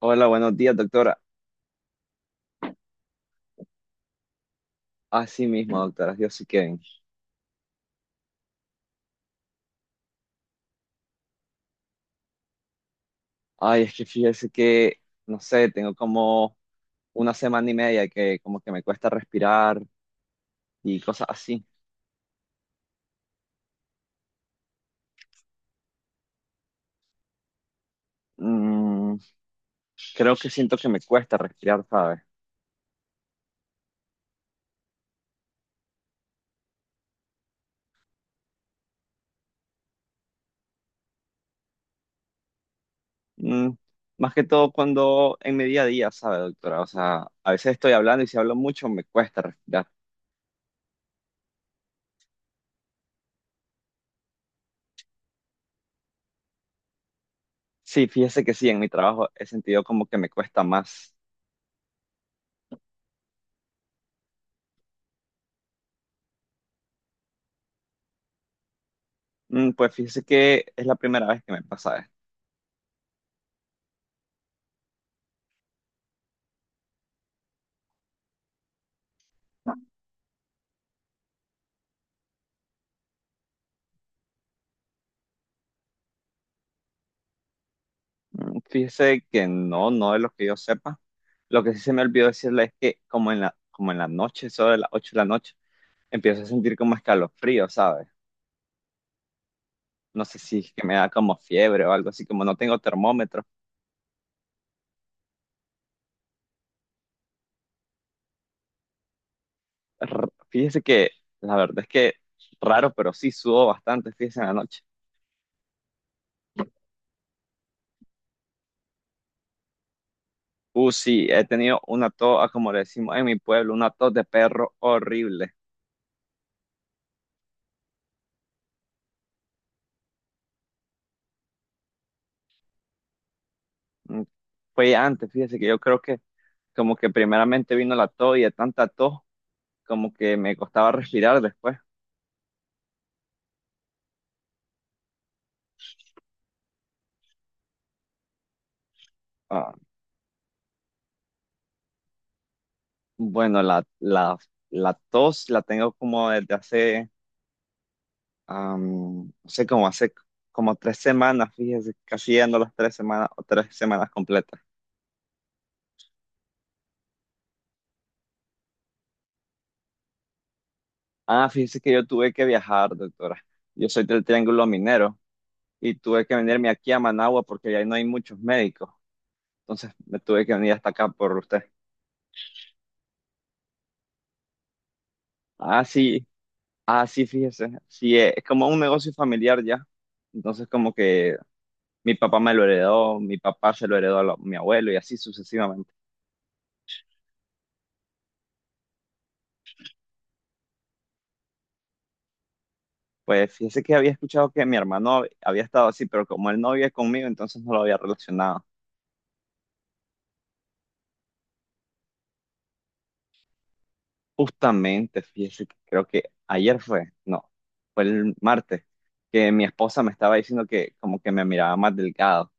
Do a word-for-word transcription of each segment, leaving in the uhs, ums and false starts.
Hola, buenos días, doctora. Así mismo, doctora. Yo sí que... Ay, es que fíjese que, no sé, tengo como una semana y media que como que me cuesta respirar y cosas así. Mm, Creo que siento que me cuesta respirar, ¿sabe? Mm, Más que todo cuando en mi día a día, ¿sabe, doctora? O sea, a veces estoy hablando y si hablo mucho me cuesta respirar. Sí, fíjese que sí, en mi trabajo he sentido como que me cuesta más. Mm, pues fíjese que es la primera vez que me pasa esto. Mm, Fíjese que no, no de lo que yo sepa. Lo que sí se me olvidó decirle es que como en la, como en la noche, sobre las ocho de la noche, empiezo a sentir como escalofrío, ¿sabes? No sé si es que me da como fiebre o algo así, como no tengo termómetro. R- Fíjese que la verdad es que raro, pero sí sudo bastante, fíjese en la noche. Uh, sí, he tenido una tos, ah, como le decimos en mi pueblo, una tos de perro horrible. Mm, Fue antes, fíjese que yo creo que como que primeramente vino la tos y de tanta tos como que me costaba respirar después. Ah, bueno, la, la, la tos la tengo como desde hace, am, no sé, como hace como tres semanas, fíjese, casi llegando a las tres semanas o tres semanas completas. Ah, fíjese que yo tuve que viajar, doctora. Yo soy del Triángulo Minero y tuve que venirme aquí a Managua porque ahí no hay muchos médicos. Entonces me tuve que venir hasta acá por usted. Ah, sí. Ah, sí, fíjese, sí, eh, es como un negocio familiar ya. Entonces, como que mi papá me lo heredó, mi papá se lo heredó a lo- mi abuelo y así sucesivamente. Pues fíjese que había escuchado que mi hermano había estado así, pero como él no vive conmigo, entonces no lo había relacionado. Justamente, fíjese que creo que ayer fue, no, fue el martes, que mi esposa me estaba diciendo que como que me miraba más delgado.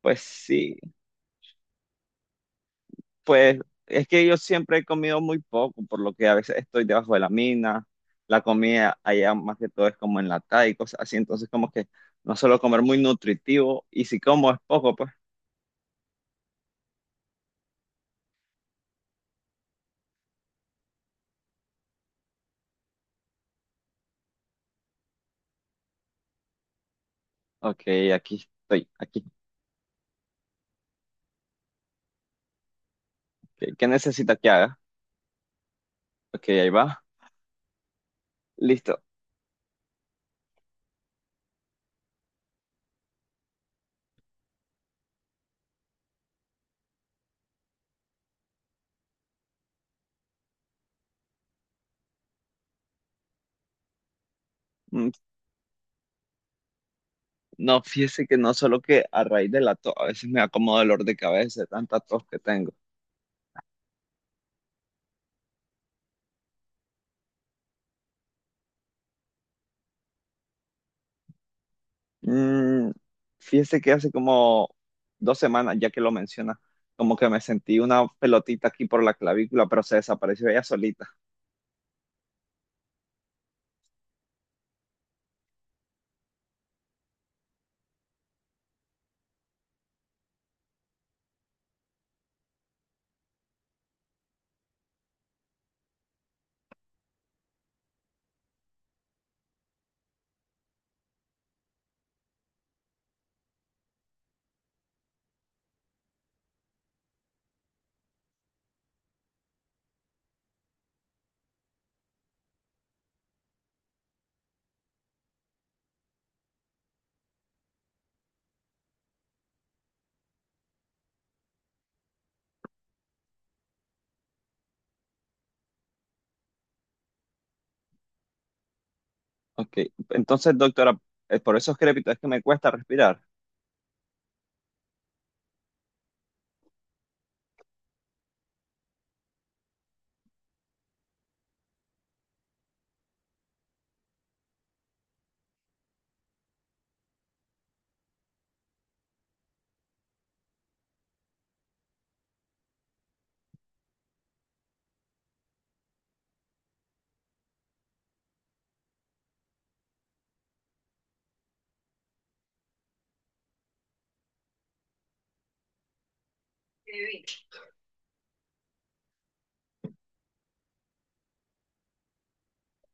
Pues sí. Pues es que yo siempre he comido muy poco, por lo que a veces estoy debajo de la mina, la comida allá más que todo es como enlatada y cosas así, entonces como que no suelo comer muy nutritivo y si como es poco, pues, ok, aquí estoy, aquí. ¿Qué, qué necesita que haga? Ok, ahí va, listo. Mm, No, fíjese que no solo que a raíz de la tos, a veces me da como dolor de cabeza, de tanta tos que tengo. Mm, Fíjese que hace como dos semanas, ya que lo menciona, como que me sentí una pelotita aquí por la clavícula, pero se desapareció ella solita. Ok, entonces, doctora, eh, por esos crépitos es que me cuesta respirar.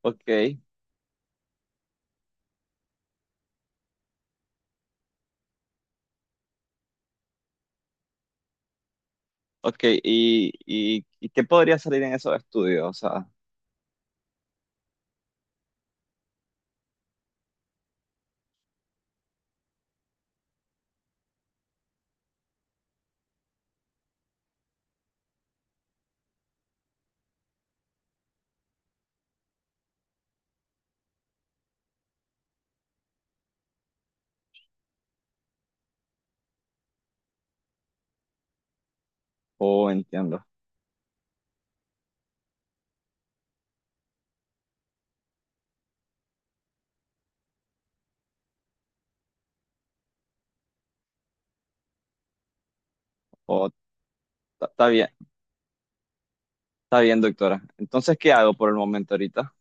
Ok, ok, ¿y, y, y qué podría salir en esos estudios? O sea, oh, entiendo. Oh, está está bien, está bien, doctora. Entonces, ¿qué hago por el momento ahorita?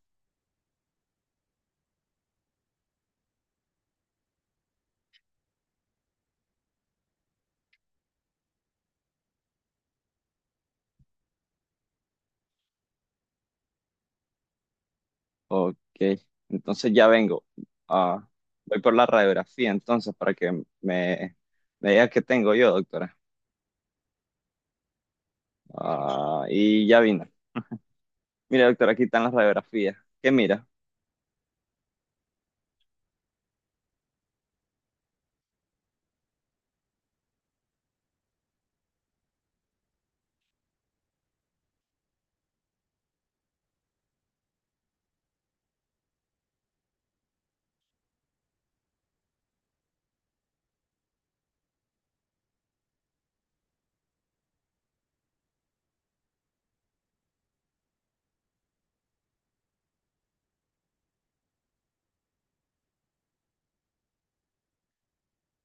Ok, entonces ya vengo. Ah, voy por la radiografía entonces para que me, me diga qué tengo yo, doctora. Ah, y ya vino. Mira, doctora, aquí están las radiografías. ¿Qué mira?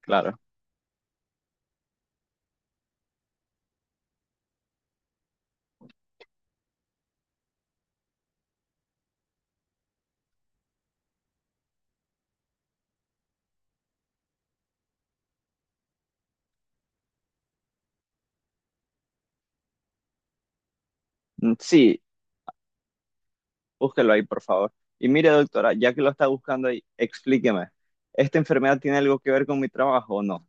Claro. Mm, Sí, búsquelo ahí, por favor. Y mire, doctora, ya que lo está buscando ahí, explíqueme. ¿Esta enfermedad tiene algo que ver con mi trabajo o no?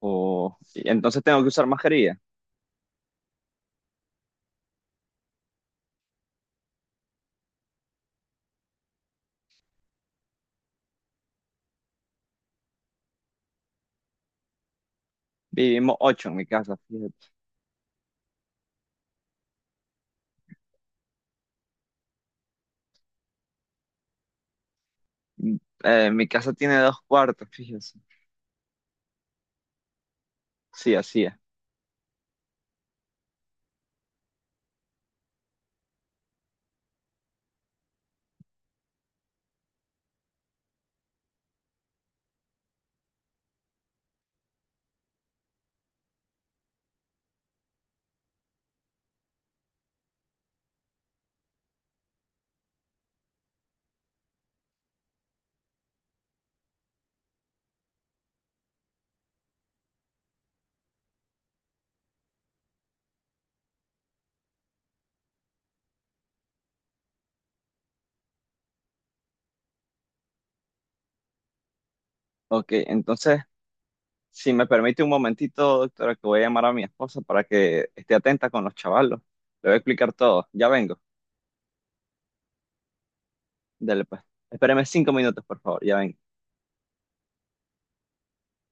O, y entonces tengo que usar mascarilla. Vivimos ocho en mi casa, fíjate. Mm, eh, Mi casa tiene dos cuartos, fíjese. Sí, así es. Ok, entonces, si me permite un momentito, doctora, que voy a llamar a mi esposa para que esté atenta con los chavalos. Le voy a explicar todo. Ya vengo. Dale, pues. Espéreme cinco minutos, por favor. Ya vengo.